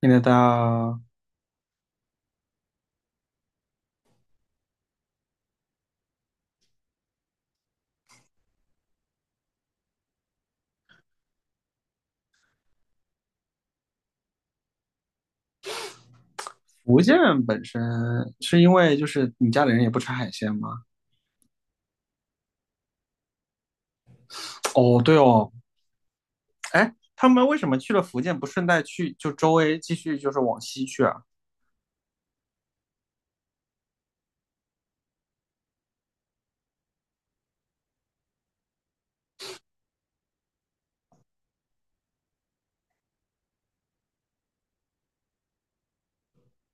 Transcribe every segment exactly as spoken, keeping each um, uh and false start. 现在到福建本身是因为就是你家里人也不吃海鲜吗？哦，对哦，哎，他们为什么去了福建不顺带去就周围继续就是往西去啊？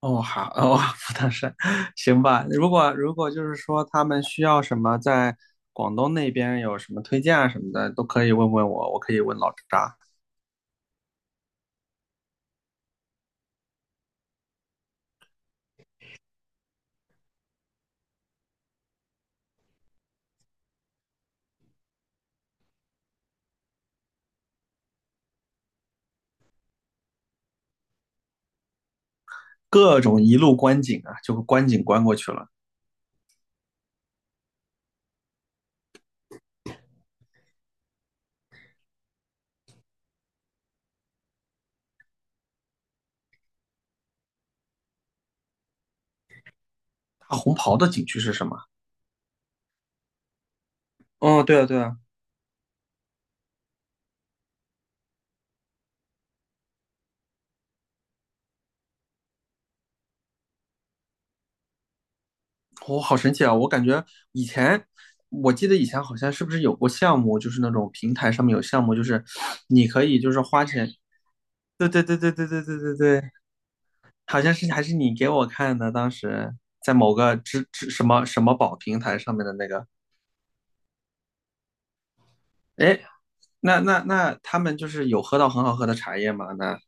哦，好，哦，福冈山，行吧。如果如果就是说他们需要什么在广东那边有什么推荐啊什么的，都可以问问我，我可以问老扎。各种一路观景啊，就观景观过去了。大红袍的景区是什么？哦，对啊，对啊。我、好神奇啊！我感觉以前，我记得以前好像是不是有过项目，就是那种平台上面有项目，就是你可以就是花钱。对对对对对对对对对，好像是还是你给我看的，当时在某个支支什么什么宝平台上面的那个。哎，那那那他们就是有喝到很好喝的茶叶吗？那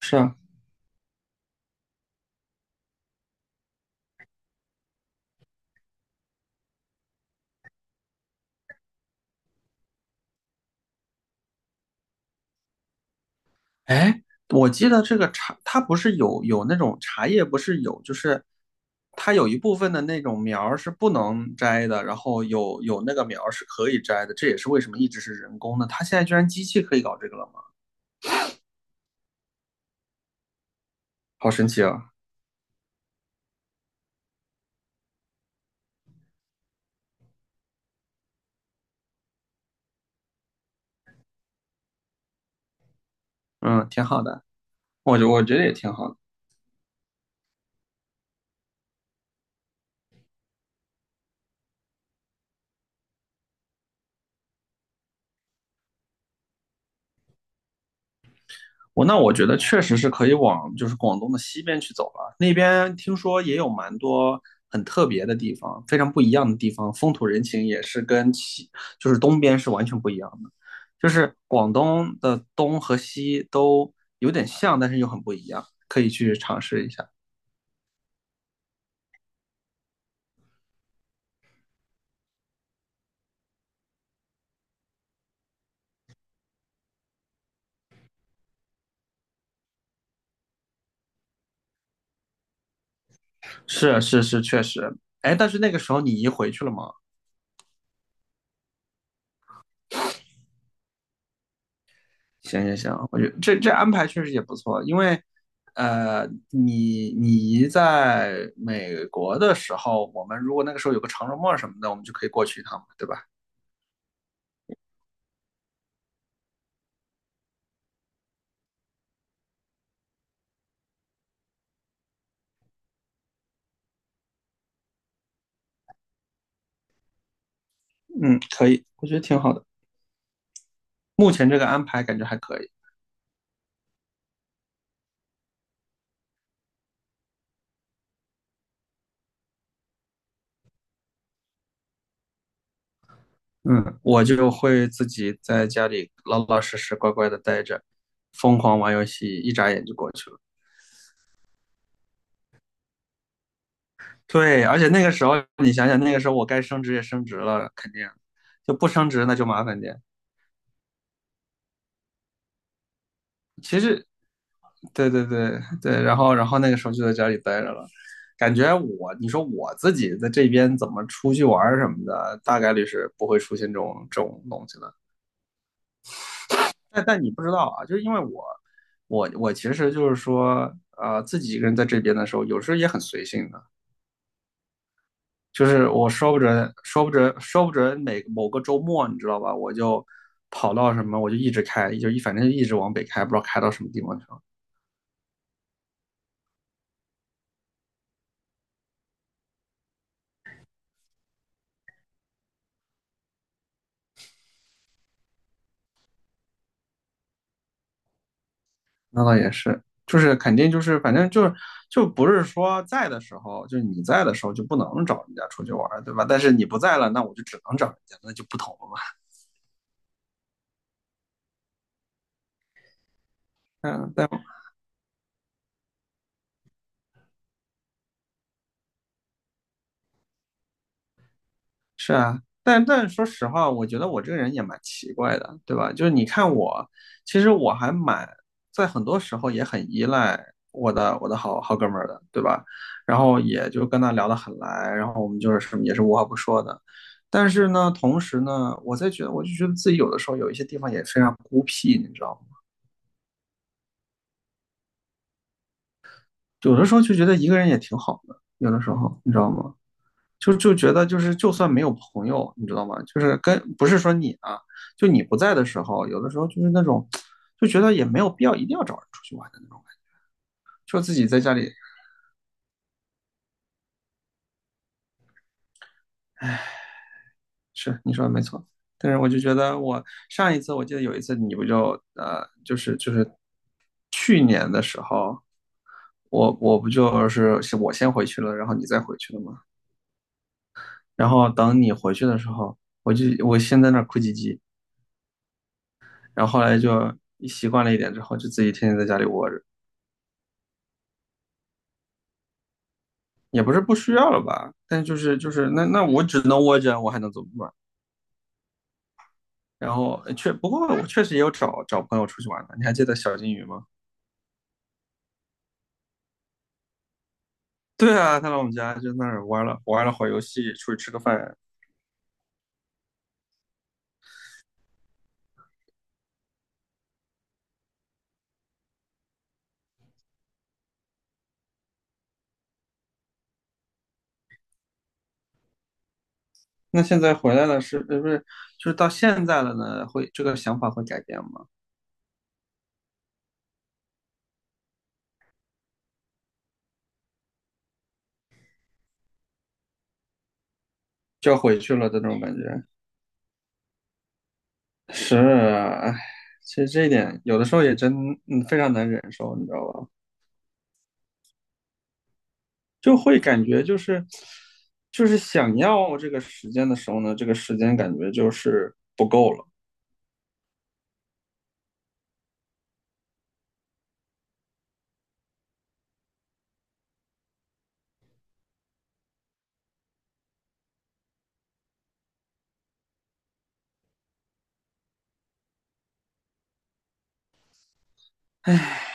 是啊。哎，我记得这个茶，它不是有有那种茶叶，不是有，就是它有一部分的那种苗儿是不能摘的，然后有有那个苗儿是可以摘的，这也是为什么一直是人工的。它现在居然机器可以搞这个了吗？好神奇啊！嗯，挺好的，我觉我觉得也挺好的。我那我觉得确实是可以往就是广东的西边去走了，那边听说也有蛮多很特别的地方，非常不一样的地方，风土人情也是跟西就是东边是完全不一样的，就是广东的东和西都有点像，但是又很不一样，可以去尝试一下。是是是，确实。哎，但是那个时候你移回去了吗？行行行，我觉得这这安排确实也不错，因为，呃，你你姨在美国的时候，我们如果那个时候有个长周末什么的，我们就可以过去一趟嘛，对吧？嗯，可以，我觉得挺好的。目前这个安排感觉还可以。嗯，我就会自己在家里老老实实乖乖的待着，疯狂玩游戏，一眨眼就过去了。对，而且那个时候你想想，那个时候我该升职也升职了，肯定就不升职那就麻烦点。其实对对对对，然后然后那个时候就在家里待着了，感觉我你说我自己在这边怎么出去玩儿什么的，大概率是不会出现这种这种东西的。但但你不知道啊，就是因为我我我其实就是说，呃，自己一个人在这边的时候，有时候也很随性的，就是我说不准说不准说不准每某个周末，你知道吧，我就跑到什么我就一直开，就一反正就一直往北开，不知道开到什么地方去了。那倒也是，就是肯定就是反正就是就不是说在的时候，就你在的时候就不能找人家出去玩儿，对吧？但是你不在了，那我就只能找人家，那就不同了嘛。嗯，但是啊，但但说实话，我觉得我这个人也蛮奇怪的，对吧？就是你看我，其实我还蛮在很多时候也很依赖我的我的好好哥们儿的，对吧？然后也就跟他聊得很来，然后我们就是什么也是无话不说的。但是呢，同时呢，我在觉得我就觉得自己有的时候有一些地方也非常孤僻，你知道吗？有的时候就觉得一个人也挺好的，有的时候你知道吗？就就觉得就是就算没有朋友，你知道吗？就是跟不是说你啊，就你不在的时候，有的时候就是那种就觉得也没有必要一定要找人出去玩的那种感觉就自己在家里是你说的没错。但是我就觉得我上一次我记得有一次你不就呃就是就是去年的时候，我我不就是是我先回去了，然后你再回去了吗？然后等你回去的时候，我就我先在那儿哭唧唧，然后后来就习惯了一点之后，就自己天天在家里窝着。也不是不需要了吧，但就是就是那那我只能窝着，我还能怎么办？然后呃确不过我确实也有找找朋友出去玩的，你还记得小金鱼吗？对啊，他来我们家就那儿玩了玩了会儿游戏，出去吃个饭。那现在回来了是呃不是就是到现在了呢？会这个想法会改变吗？就要回去了的那种感觉。是啊，唉，其实这一点有的时候也真嗯非常难忍受，你知道吧？就会感觉就是就是想要这个时间的时候呢，这个时间感觉就是不够了。哎，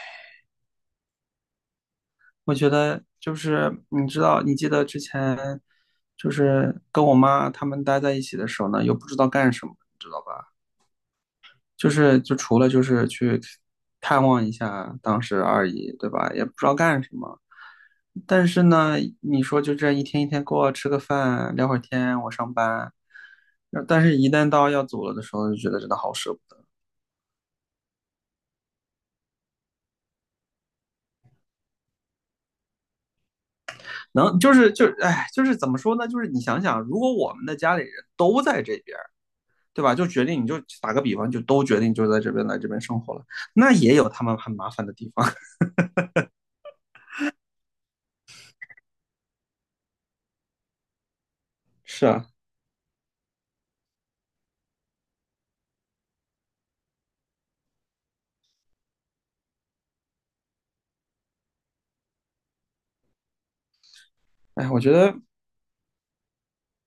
我觉得就是你知道，你记得之前就是跟我妈他们待在一起的时候呢，又不知道干什么，你知道吧？就是就除了就是去探望一下当时二姨，对吧？也不知道干什么。但是呢，你说就这一天一天过，吃个饭，聊会儿天，我上班。但是，一旦到要走了的时候，就觉得真的好舍不得。能就是就是，哎，就是怎么说呢？就是你想想，如果我们的家里人都在这边，对吧？就决定你就打个比方，就都决定就在这边来这边生活了，那也有他们很麻烦的地方。是啊，哎，我觉得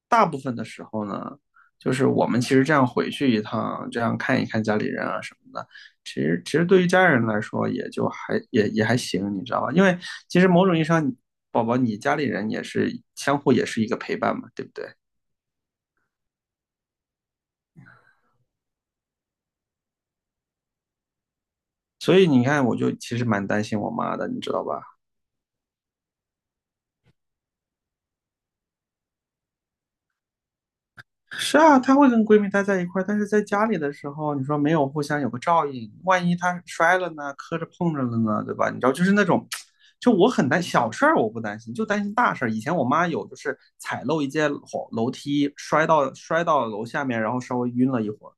大部分的时候呢，就是我们其实这样回去一趟，这样看一看家里人啊什么的，其实其实对于家人来说也就还也也还行，你知道吧？因为其实某种意义上，宝宝你家里人也是相互也是一个陪伴嘛，对不对？所以你看，我就其实蛮担心我妈的，你知道吧？是啊，她会跟闺蜜待在一块儿，但是在家里的时候，你说没有互相有个照应，万一她摔了呢，磕着碰着了呢，对吧？你知道，就是那种，就我很担小事儿，我不担心，就担心大事儿。以前我妈有就是踩漏一阶楼楼梯，摔到摔到楼下面，然后稍微晕了一会儿。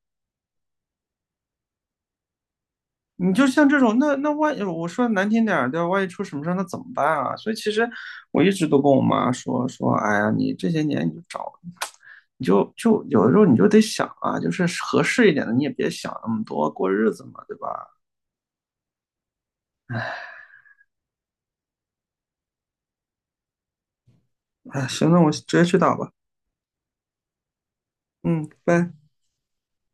你就像这种，那那万一我说难听点儿，对吧？万一出什么事儿，那怎么办啊？所以其实我一直都跟我妈说说，哎呀，你这些年你就找你就就有的时候你就得想啊，就是合适一点的，你也别想那么多，过日子嘛，对吧？哎，行，那我直接去打吧。嗯，拜。